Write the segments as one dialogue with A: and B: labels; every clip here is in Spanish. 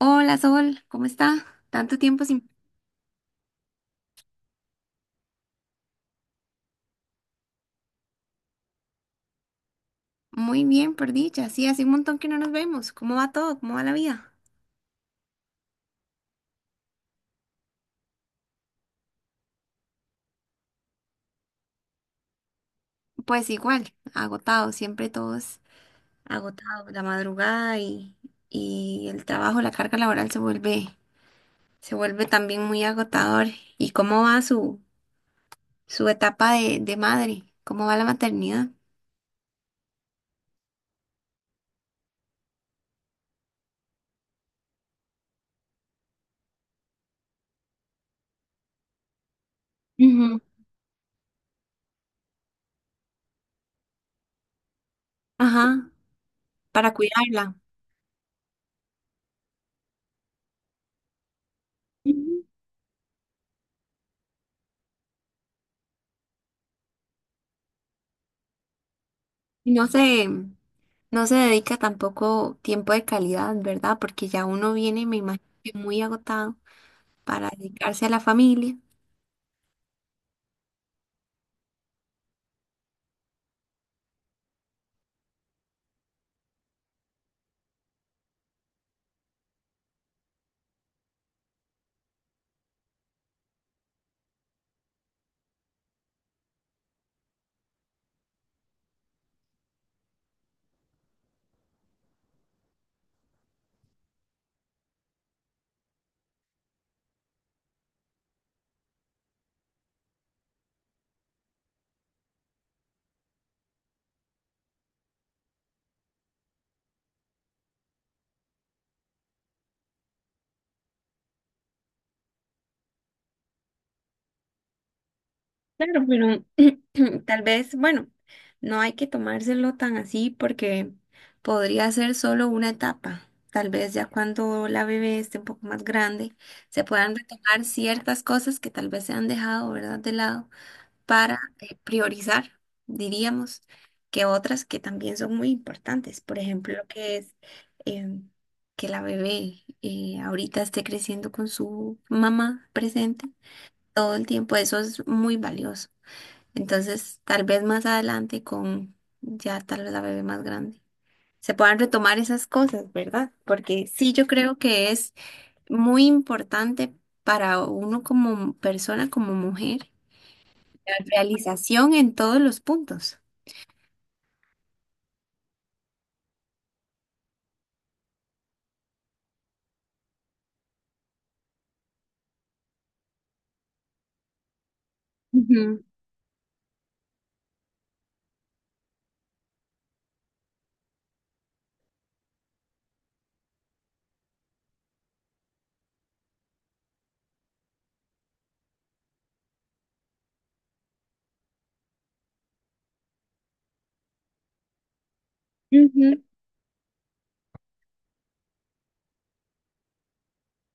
A: Hola Sol, ¿cómo está? Tanto tiempo sin... Muy bien, por dicha. Sí, hace un montón que no nos vemos. ¿Cómo va todo? ¿Cómo va la vida? Pues igual, agotado, siempre todos agotados. La madrugada y el trabajo, la carga laboral se vuelve también muy agotador. ¿Y cómo va su etapa de madre? ¿Cómo va la maternidad? Ujú. Ajá, para cuidarla. Ujú. Y no sé. No se dedica tampoco tiempo de calidad, ¿verdad? Porque ya uno viene, me imagino, que muy agotado para dedicarse a la familia. Claro, pero tal vez, bueno, no hay que tomárselo tan así porque podría ser solo una etapa. Tal vez ya cuando la bebé esté un poco más grande, se puedan retomar ciertas cosas que tal vez se han dejado, ¿verdad? De lado. Para priorizar, diríamos, que otras que también son muy importantes. Por ejemplo, lo que es em, que la bebé ahorita esté creciendo con su mamá presente todo el tiempo, eso es muy valioso. Entonces, tal vez más adelante con ya tal vez la bebé más grande. Se puedan retomar esas cosas, ¿verdad? Porque sí, yo creo que es muy importante para uno como persona, como mujer, la realización en todos los puntos. Ujú, ujú.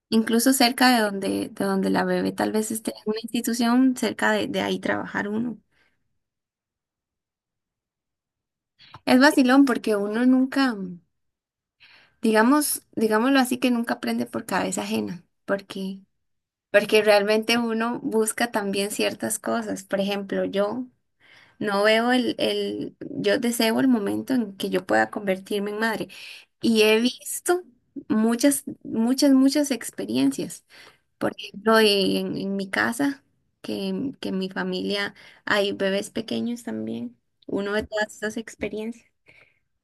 A: Incluso cerca de de donde la bebé tal vez esté en una institución, cerca de ahí trabajar uno. Es vacilón porque uno nunca, digamos, digámoslo así, que nunca aprende por cabeza ajena, porque realmente uno busca también ciertas cosas. Por ejemplo, yo no veo yo deseo el momento en que yo pueda convertirme en madre y he visto muchas, muchas, muchas experiencias. Por ejemplo, y en mi casa, que en mi familia hay bebés pequeños también, uno de todas esas experiencias.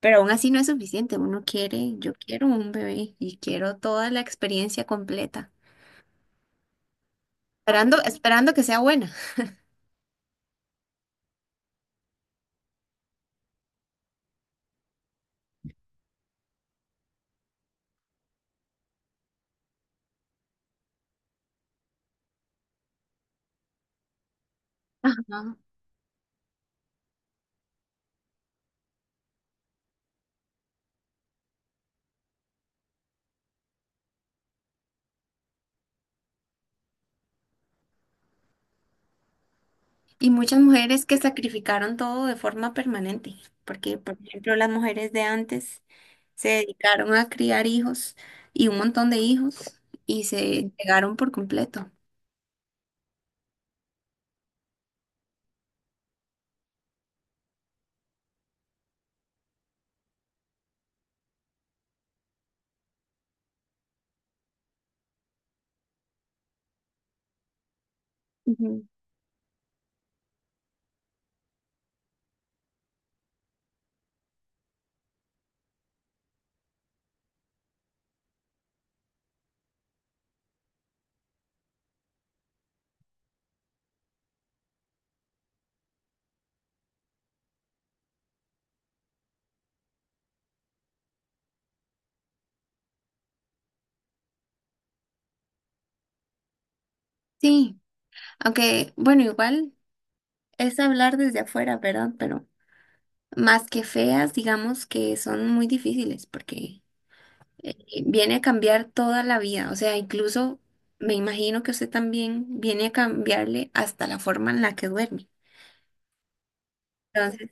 A: Pero aún así no es suficiente, uno quiere, yo quiero un bebé y quiero toda la experiencia completa, esperando, esperando que sea buena. Ajá. Y muchas mujeres que sacrificaron todo de forma permanente, porque por ejemplo las mujeres de antes se dedicaron a criar hijos y un montón de hijos y se entregaron por completo. Ujú. Sí. Aunque, bueno, igual es hablar desde afuera, ¿verdad? Pero más que feas, digamos que son muy difíciles porque eh, viene a cambiar toda la vida. O sea, incluso me imagino que usted también viene a cambiarle hasta la forma en la que duerme. Entonces,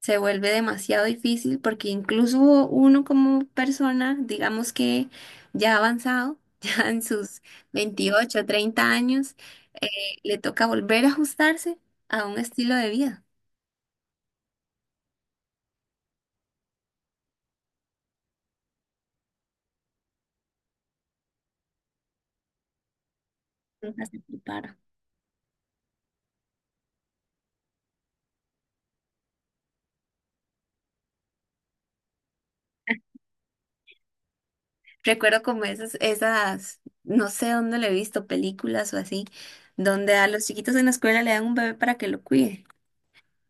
A: se vuelve demasiado difícil porque incluso uno como persona, digamos que ya avanzado, ya en sus 28, 30 años, eh, le toca volver a ajustarse a un estilo de vida. Rojas se prepara. Recuerdo como esas, esas, no sé dónde le he visto, películas o así, donde a los chiquitos en la escuela le dan un bebé para que lo cuide.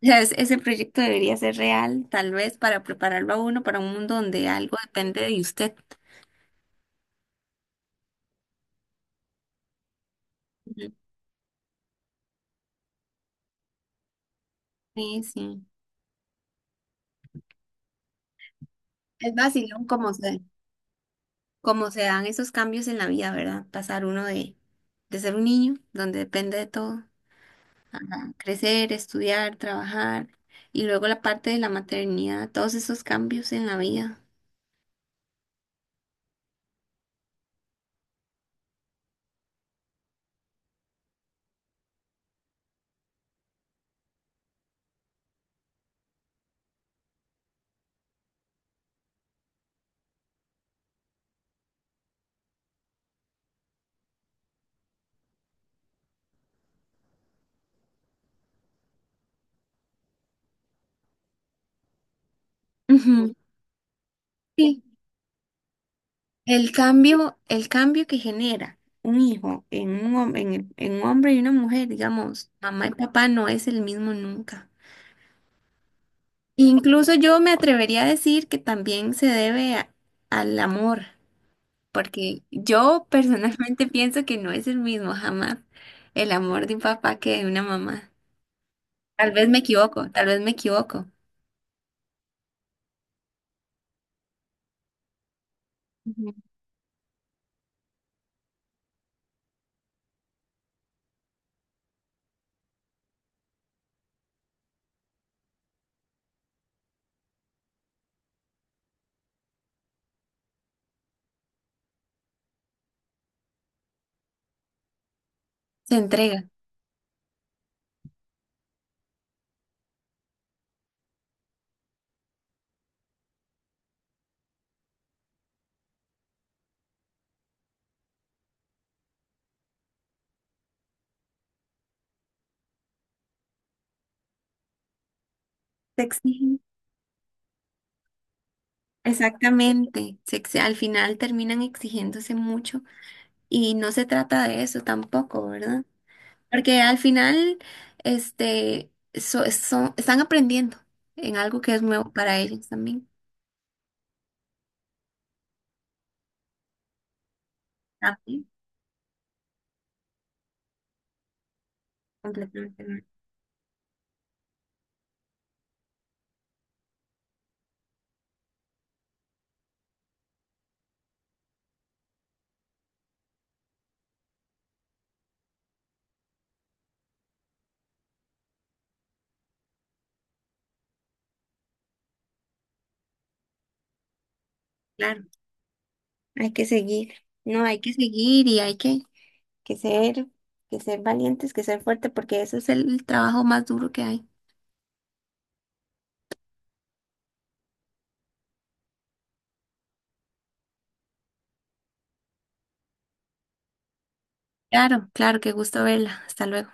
A: O sea, ese proyecto debería ser real, tal vez, para prepararlo a uno para un mundo donde algo depende de usted. Ujú. Sí, sí. Es vacilón como como se dan esos cambios en la vida, ¿verdad? Pasar uno de ser un niño, donde depende de todo, a crecer, estudiar, trabajar, y luego la parte de la maternidad, todos esos cambios en la vida. Ujú. Sí, el cambio que genera un hijo en un, en un hombre y una mujer, digamos, mamá y papá no es el mismo nunca. Incluso yo me atrevería a decir que también se debe al amor, porque yo personalmente pienso que no es el mismo jamás el amor de un papá que de una mamá. Tal vez me equivoco, tal vez me equivoco. Ujú. Se entrega, se exigen. Exactamente, al final terminan exigiéndose mucho. Y no se trata de eso tampoco, ¿verdad? Porque al final, están aprendiendo en algo que es nuevo para ellos también. También, completamente nuevo. Claro, hay que seguir. No, hay que seguir y hay que ser, que ser valientes, que ser fuerte, porque eso es el trabajo más duro que hay. Claro, claro, qué gusto verla. Hasta luego.